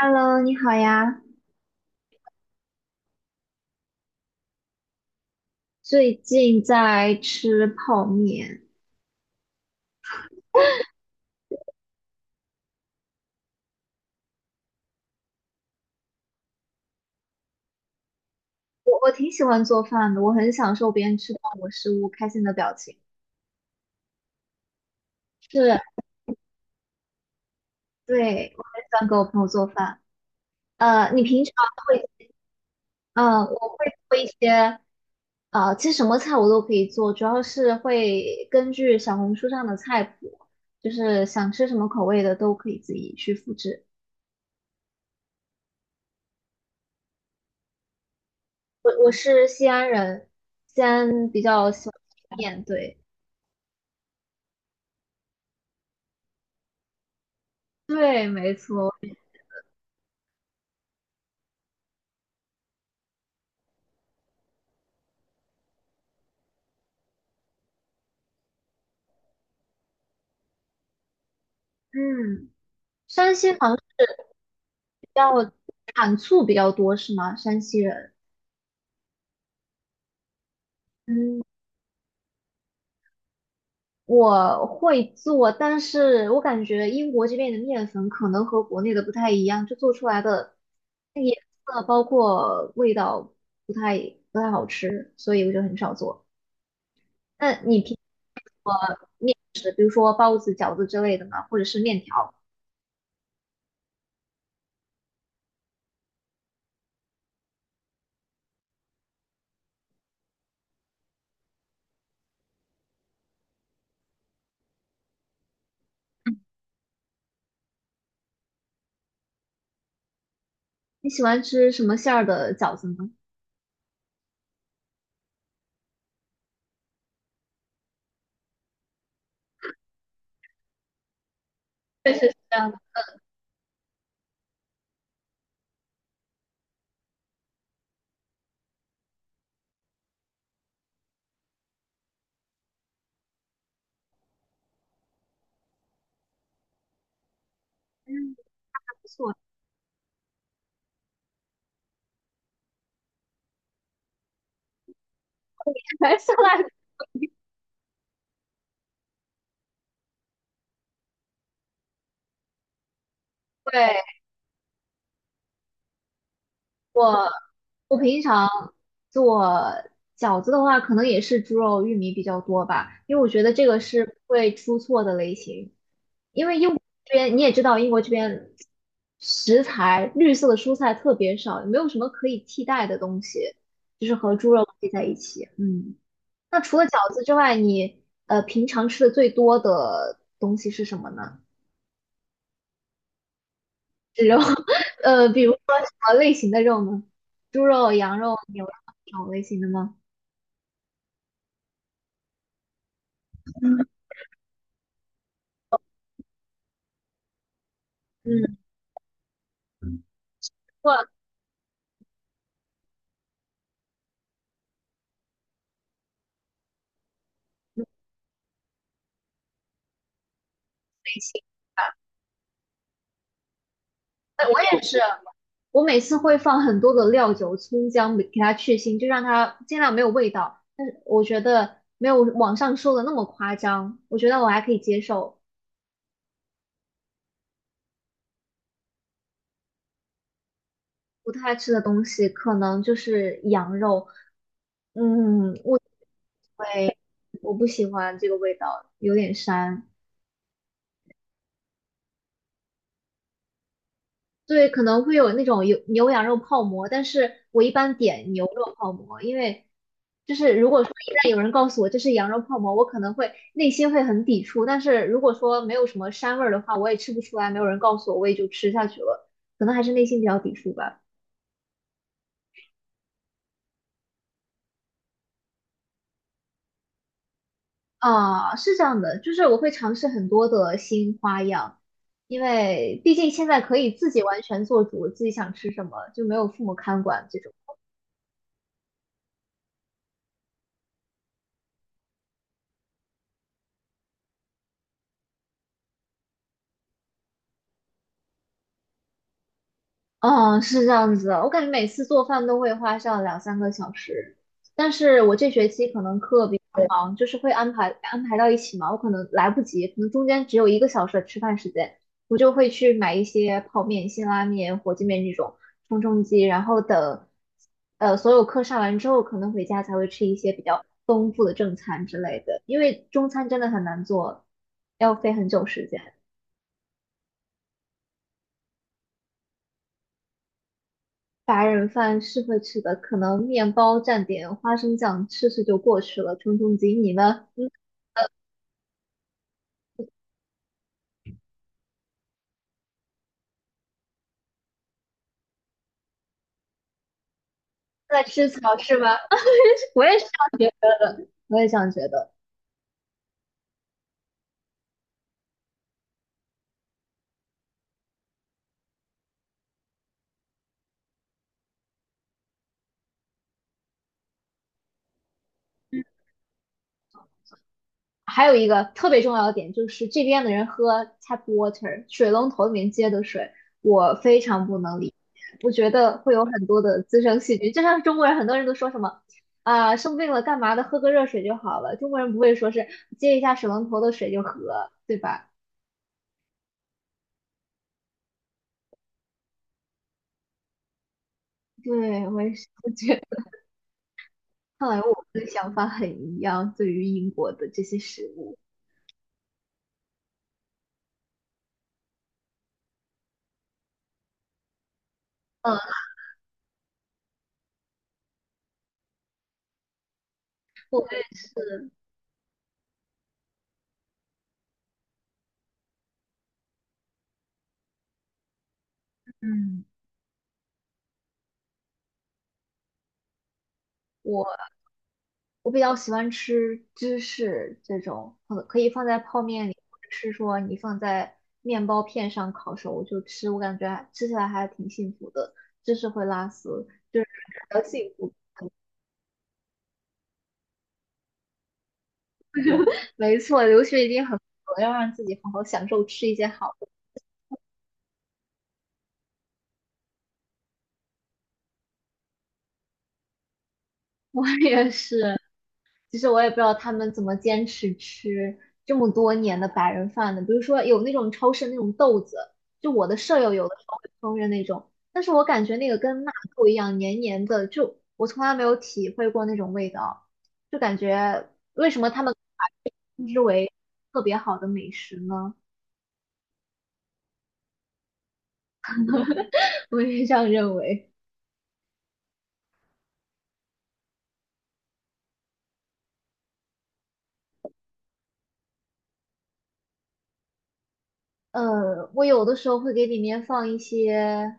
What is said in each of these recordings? Hello，你好呀。最近在吃泡面，我挺喜欢做饭的，我很享受别人吃到我食物开心的表情。是，对，我很喜欢给我朋友做饭。你平常会，嗯，我会做一些，其实什么菜我都可以做，主要是会根据小红书上的菜谱，就是想吃什么口味的都可以自己去复制。我是西安人，西安比较喜欢吃面，对对，没错。嗯，山西好像比较产醋比较多，是吗？山西人。嗯，我会做，但是我感觉英国这边的面粉可能和国内的不太一样，就做出来的那个颜色包括味道不太不太好吃，所以我就很少做。那你平时比如说包子、饺子之类的呢，或者是面条，你喜欢吃什么馅儿的饺子呢？确实是这样的，嗯，不错，白下来，对。我平常做饺子的话，可能也是猪肉、玉米比较多吧，因为我觉得这个是不会出错的类型。因为英国这边你也知道，英国这边食材绿色的蔬菜特别少，也没有什么可以替代的东西，就是和猪肉配在一起。嗯，那除了饺子之外，你平常吃的最多的东西是什么呢？是肉，比如说什么类型的肉呢？猪肉、羊肉、牛肉这种类型的吗？嗯过类型。哎我也是，我每次会放很多的料酒、葱姜，给它去腥，就让它尽量没有味道。但是我觉得没有网上说的那么夸张，我觉得我还可以接受。不太吃的东西可能就是羊肉，嗯，我不喜欢这个味道，有点膻。对，可能会有那种有牛羊肉泡馍，但是我一般点牛肉泡馍，因为就是如果说一旦有人告诉我这是羊肉泡馍，我可能会内心会很抵触，但是如果说没有什么膻味儿的话，我也吃不出来，没有人告诉我，我也就吃下去了，可能还是内心比较抵触吧。啊，是这样的，就是我会尝试很多的新花样，因为毕竟现在可以自己完全做主，自己想吃什么就没有父母看管这种。嗯，是这样子的，我感觉每次做饭都会花上2、3个小时，但是我这学期可能课比较忙，就是会安排安排到一起嘛，我可能来不及，可能中间只有1个小时的吃饭时间，我就会去买一些泡面、辛拉面、火鸡面这种充充饥，然后等所有课上完之后，可能回家才会吃一些比较丰富的正餐之类的，因为中餐真的很难做，要费很久时间。白人饭是会吃的，可能面包蘸点花生酱吃吃就过去了，冲冲劲。你呢？你在吃草是吗？我也是，我也这样觉得。还有一个特别重要的点就是这边的人喝 tap water 水龙头里面接的水，我非常不能理解，我觉得会有很多的滋生细菌。就像中国人，很多人都说什么啊、生病了干嘛的，喝个热水就好了。中国人不会说是接一下水龙头的水就喝，对吧？对，我也是，我觉看来我们的想法很一样，对于英国的这些食物。嗯，我对嗯，我我比较喜欢吃芝士这种，可可以放在泡面里，或者是说你放在面包片上烤熟就吃，我感觉还吃起来还挺幸福的。芝士会拉丝，就是比较幸福。没错，留学一定很苦，要让自己好好享受吃一些好的。我也是，其实我也不知道他们怎么坚持吃这么多年的白人饭的。比如说有那种超市那种豆子，就我的舍友有的时候会烹饪那种，但是我感觉那个跟纳豆一样黏黏的，就我从来没有体会过那种味道，就感觉为什么他们把这个称之为特别好的美食呢？我也是这样认为。我有的时候会给里面放一些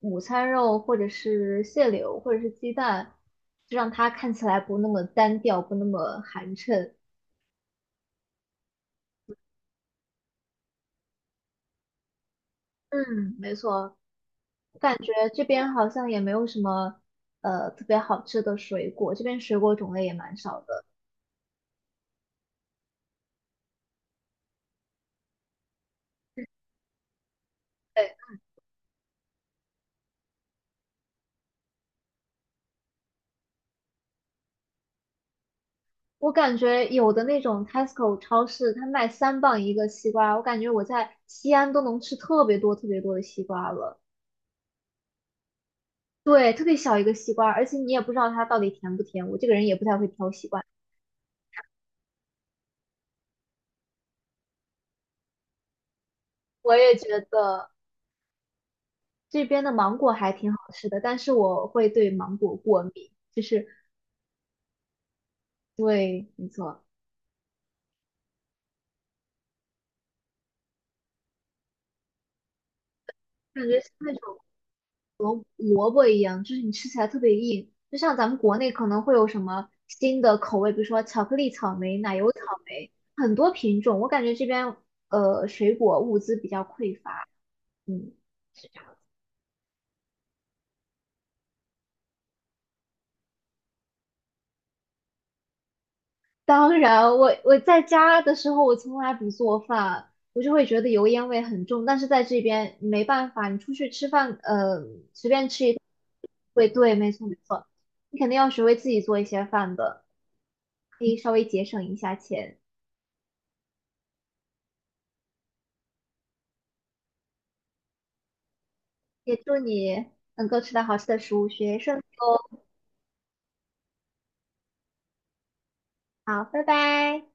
午餐肉，或者是蟹柳，或者是鸡蛋，就让它看起来不那么单调，不那么寒碜。嗯，没错，我感觉这边好像也没有什么特别好吃的水果，这边水果种类也蛮少的。对，我感觉有的那种 Tesco 超市，它卖3磅一个西瓜，我感觉我在西安都能吃特别多特别多的西瓜了。对，特别小一个西瓜，而且你也不知道它到底甜不甜。我这个人也不太会挑西瓜，我也觉得这边的芒果还挺好吃的，但是我会对芒果过敏，就是对，没错，感觉像那种萝卜一样，就是你吃起来特别硬。就像咱们国内可能会有什么新的口味，比如说巧克力草莓、奶油草莓，很多品种。我感觉这边水果物资比较匮乏，嗯，是这样当然，我我在家的时候，我从来不做饭，我就会觉得油烟味很重。但是在这边你没办法，你出去吃饭，随便吃一顿，对对，没错没错，你肯定要学会自己做一些饭的，可以稍微节省一下钱。也祝你能够吃到好吃的食物，学业顺利。好，拜拜。